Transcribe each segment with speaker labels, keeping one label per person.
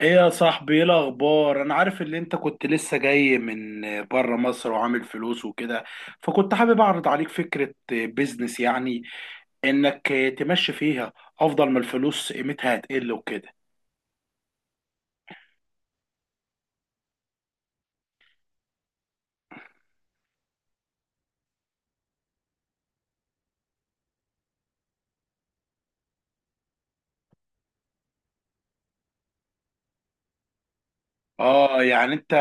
Speaker 1: ايه يا صاحبي، ايه الاخبار؟ انا عارف ان انت كنت لسه جاي من بره مصر وعامل فلوس وكده. فكنت حابب اعرض عليك فكرة بيزنس، يعني انك تمشي فيها، افضل ما الفلوس قيمتها هتقل وكده. اه، يعني انت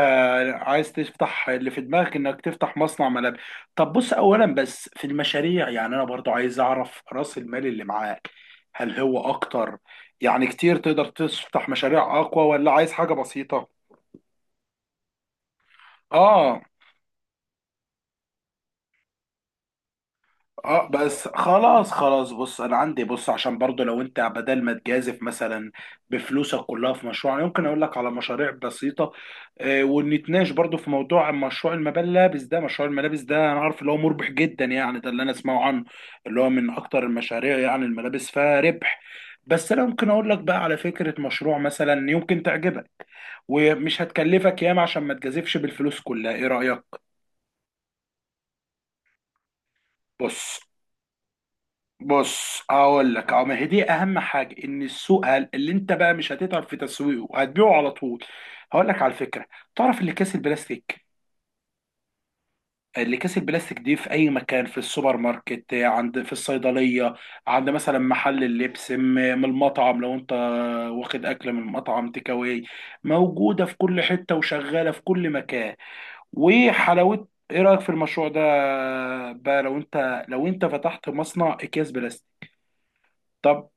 Speaker 1: عايز تفتح اللي في دماغك انك تفتح مصنع ملابس. طب بص اولا، بس في المشاريع، يعني انا برضو عايز اعرف راس المال اللي معاك، هل هو اكتر يعني كتير تقدر تفتح مشاريع اقوى، ولا عايز حاجة بسيطة؟ اه، اه، بس خلاص خلاص، بص انا عندي، بص عشان برضو لو انت بدل ما تجازف مثلا بفلوسك كلها في مشروع، يمكن اقول لك على مشاريع بسيطه ونتناقش برضو في موضوع مشروع الملابس ده. انا عارف اللي هو مربح جدا يعني، ده اللي انا اسمعه عنه، اللي هو من اكتر المشاريع، يعني الملابس فيها ربح. بس انا ممكن اقول لك بقى على فكره مشروع مثلا يمكن تعجبك، ومش هتكلفك ياما عشان ما تجازفش بالفلوس كلها، ايه رايك؟ بص بص، هقول لك اهو، ما هي دي اهم حاجه، ان السوق اللي انت بقى مش هتتعب في تسويقه وهتبيعه على طول. هقول لك على الفكره. تعرف اللي كاس البلاستيك؟ دي في اي مكان، في السوبر ماركت، عند في الصيدليه، عند مثلا محل اللبس، من المطعم لو انت واخد اكل من المطعم تيك اواي، موجوده في كل حته وشغاله في كل مكان. وحلاوه، ايه رايك في المشروع ده؟ بقى لو انت، فتحت مصنع اكياس بلاستيك. طب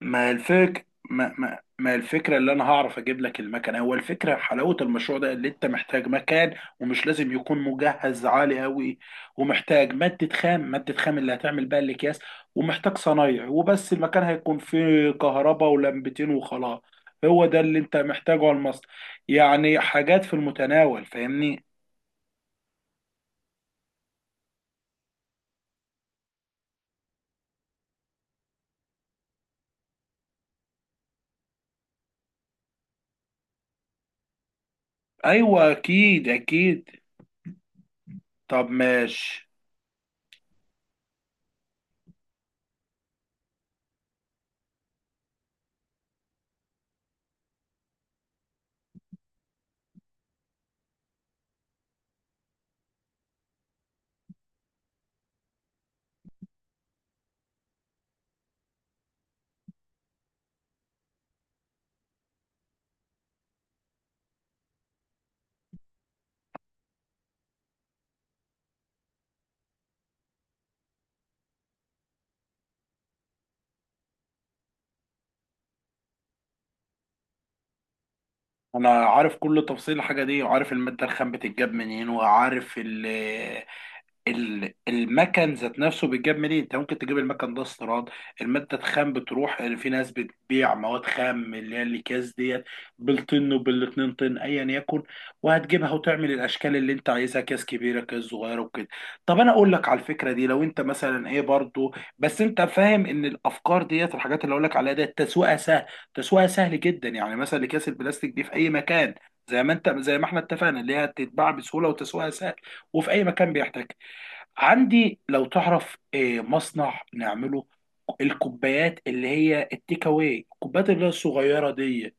Speaker 1: ما الفكرة، اللي أنا هعرف أجيب لك المكنة. هو الفكرة حلاوة المشروع ده اللي أنت محتاج مكان، ومش لازم يكون مجهز عالي أوي، ومحتاج مادة خام، مادة خام اللي هتعمل بقى الأكياس، ومحتاج صنايعي وبس. المكان هيكون فيه كهرباء ولمبتين وخلاص، هو ده اللي أنت محتاجه على المصنع. يعني حاجات في المتناول، فاهمني؟ أيوه أكيد أكيد، طب ماشي. انا عارف كل تفصيل الحاجه دي، وعارف الماده الخام بتتجاب منين، وعارف المكن ذات نفسه بيتجاب منين. انت ممكن تجيب المكن ده استيراد، الماده الخام بتروح في ناس بتبيع مواد خام اللي هي الاكياس ديت، بالطن وبالاتنين طن ايا يكن، وهتجيبها وتعمل الاشكال اللي انت عايزها، كاس كبيره كاس صغيره وكده. طب انا اقول لك على الفكره دي، لو انت مثلا ايه برضو، بس انت فاهم ان الافكار ديت، الحاجات اللي اقول لك عليها ديت، تسويقها سهل، تسويقها سهل جدا، يعني مثلا اكياس البلاستيك دي في اي مكان، زي ما احنا اتفقنا، اللي هي تتباع بسهوله وتسويقها سهل وفي اي مكان بيحتاج. عندي لو تعرف مصنع نعمله، الكوبايات اللي هي التيك اواي، الكوبايات اللي هي الصغيره ديت.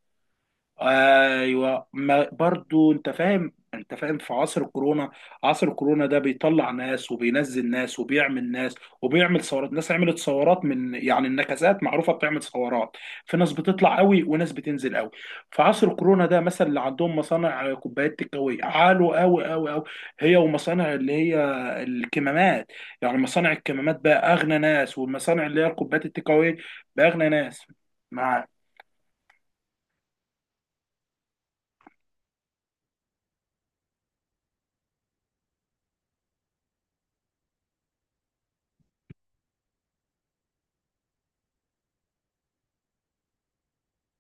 Speaker 1: ايوه، ما برضو انت فاهم، في عصر الكورونا، عصر الكورونا ده بيطلع ناس وبينزل ناس وبيعمل ناس، وبيعمل ثورات، ناس عملت ثورات، من يعني النكسات معروفه بتعمل ثورات. في ناس بتطلع قوي وناس بتنزل قوي. في عصر الكورونا ده مثلا، اللي عندهم مصانع كوبايات تكاوي عالوا قوي قوي قوي، هي ومصانع اللي هي الكمامات. يعني مصانع الكمامات بقى اغنى ناس، والمصانع اللي هي الكوبايات التكاوي بقى اغنى ناس، مع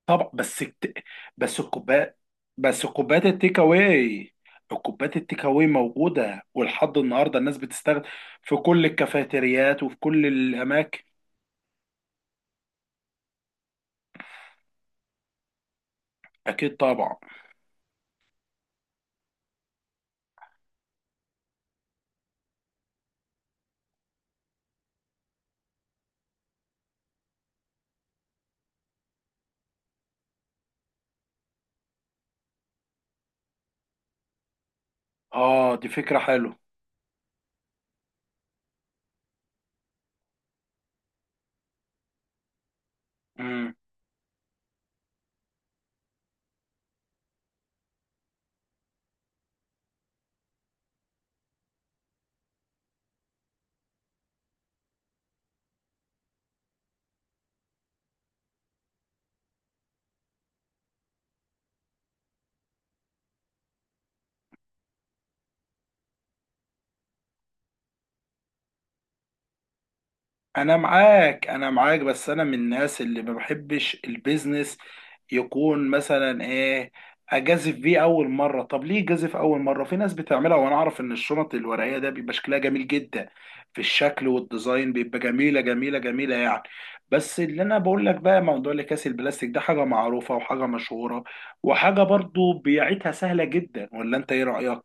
Speaker 1: طبعا. بس بس الكوبايات، كوبايات التيك اواي، الكوبايات التيك اواي موجوده ولحد النهارده الناس بتستخدم في كل الكافيتريات وفي كل الاماكن، اكيد طبعا. اه دي فكره حلوه. انا معاك، بس انا من الناس اللي ما بحبش البيزنس يكون مثلا ايه، اجازف بيه اول مره. طب ليه جازف اول مره؟ في ناس بتعملها وانا اعرف ان الشنط الورقيه ده بيبقى شكلها جميل جدا، في الشكل والديزاين بيبقى جميله جميله جميله يعني. بس اللي انا بقول لك بقى، موضوع الاكياس البلاستيك ده حاجه معروفه، وحاجه مشهوره، وحاجه برضو بيعتها سهله جدا، ولا انت ايه رايك؟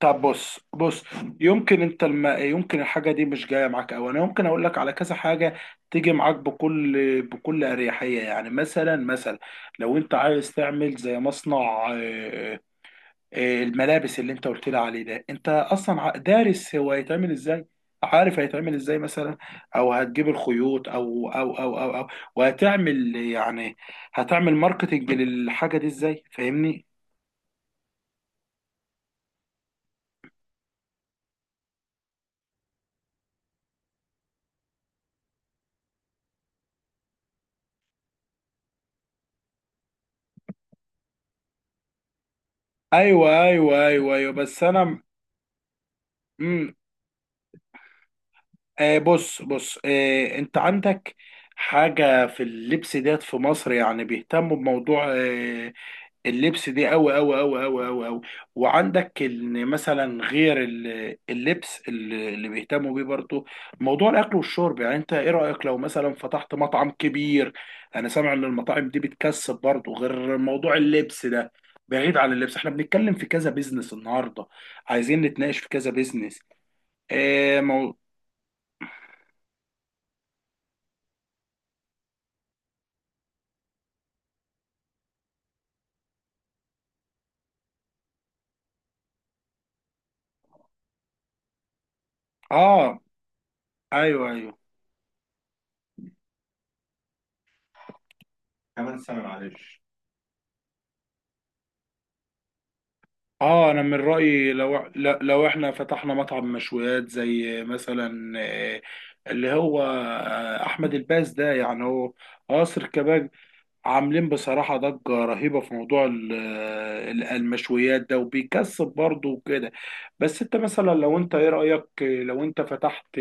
Speaker 1: طب بص بص. يمكن انت يمكن الحاجه دي مش جايه معاك، او انا يمكن اقول لك على كذا حاجه تيجي معاك بكل اريحيه. يعني مثلا، لو انت عايز تعمل زي مصنع آه، الملابس اللي انت قلت لي عليه ده، انت اصلا دارس هو هيتعمل ازاي؟ عارف هيتعمل ازاي مثلا؟ او هتجيب الخيوط، او او او او, أو. وهتعمل يعني، ماركتنج للحاجه دي ازاي، فاهمني؟ ايوه ايوه ايوه ايوه، بس انا. مم. بص بص، انت عندك حاجة في اللبس ديت، في مصر يعني بيهتموا بموضوع اللبس دي أوي أوي أوي أوي أوي أوي. وعندك إن مثلا غير اللبس اللي بيهتموا بيه، برضو موضوع الأكل والشرب. يعني أنت إيه رأيك لو مثلا فتحت مطعم كبير؟ أنا سامع إن المطاعم دي بتكسب برضو، غير موضوع اللبس ده. بعيد عن اللبس، احنا بنتكلم في كذا بيزنس النهارده، عايزين نتناقش في كذا بيزنس. اه مو... اه ايوه ايوه، كمان سنة معلش. اه انا من رايي لو لو احنا فتحنا مطعم مشويات زي مثلا اللي هو احمد الباز ده، يعني هو قصر كباب، عاملين بصراحه ضجه رهيبه في موضوع المشويات ده، وبيكسب برضه وكده. بس انت مثلا، لو انت ايه رايك، لو انت فتحت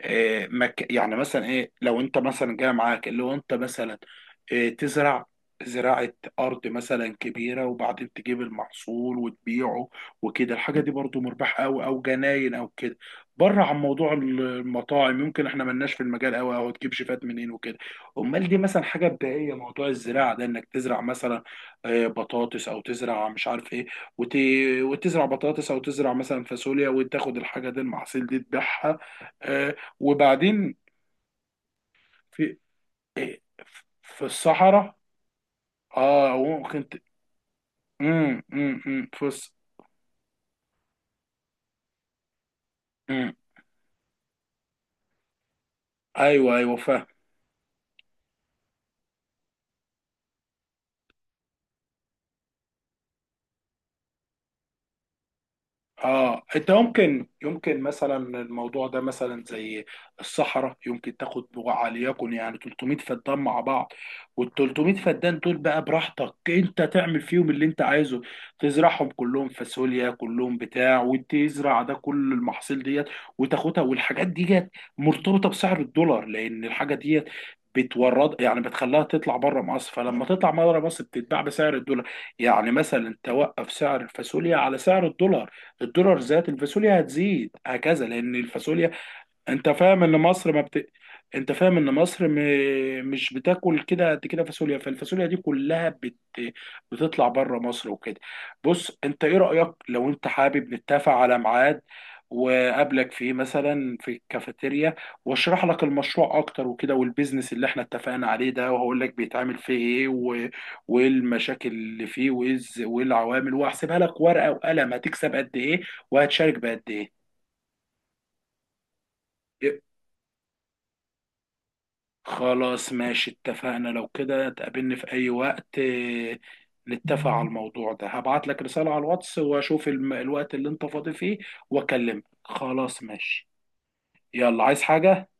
Speaker 1: يعني مثلا ايه، لو انت مثلا جاي معاك اللي هو، انت مثلا تزرع، زراعة أرض مثلا كبيرة، وبعدين تجيب المحصول وتبيعه وكده، الحاجة دي برضو مربحة أوي، أو جناين أو كده، بره عن موضوع المطاعم، يمكن احنا ملناش في المجال أوي، أو تجيب شيفات منين وكده. أمال دي مثلا حاجة بدائية، موضوع الزراعة ده، إنك تزرع مثلا بطاطس، أو تزرع مش عارف إيه، وت... وتزرع بطاطس، أو تزرع مثلا فاصوليا، وتاخد الحاجة دي، المحاصيل دي تبيعها. آه، وبعدين في في الصحراء. اه ممكن ت... في مم. ايوه ايوه، فاهم. اه انت، يمكن مثلا الموضوع ده، مثلا زي الصحراء، يمكن تاخد وليكن يعني 300 فدان مع بعض، وال 300 فدان دول بقى براحتك انت تعمل فيهم اللي انت عايزه، تزرعهم كلهم فاصوليا، كلهم بتاع، وتزرع ده كل المحاصيل ديت، وتاخدها. والحاجات ديت مرتبطة بسعر الدولار، لان الحاجة ديت بتورد، يعني بتخليها تطلع بره مصر، فلما تطلع بره مصر بتتباع بسعر الدولار، يعني مثلا توقف سعر الفاصوليا على سعر الدولار، الدولار زاد الفاصوليا هتزيد، هكذا، لان الفاصوليا، انت فاهم ان مصر ما بت... انت فاهم ان مصر مش بتاكل كده قد كده فاصوليا، فالفاصوليا دي كلها بتطلع بره مصر وكده. بص، انت ايه رأيك لو انت حابب نتفق على ميعاد، وقابلك فيه مثلا في الكافيتيريا، واشرح لك المشروع اكتر وكده، والبيزنس اللي احنا اتفقنا عليه ده، وهقول لك بيتعمل فيه ايه، وايه المشاكل اللي فيه، وايه وايه العوامل، وهحسبها لك ورقة وقلم هتكسب قد ايه، وهتشارك بقد ايه. خلاص ماشي، اتفقنا. لو كده تقابلني في أي وقت، نتفق على الموضوع ده. هبعت لك رسالة على الواتس، وأشوف الوقت اللي أنت فاضي فيه وأكلمك. خلاص ماشي. يلا، عايز حاجة؟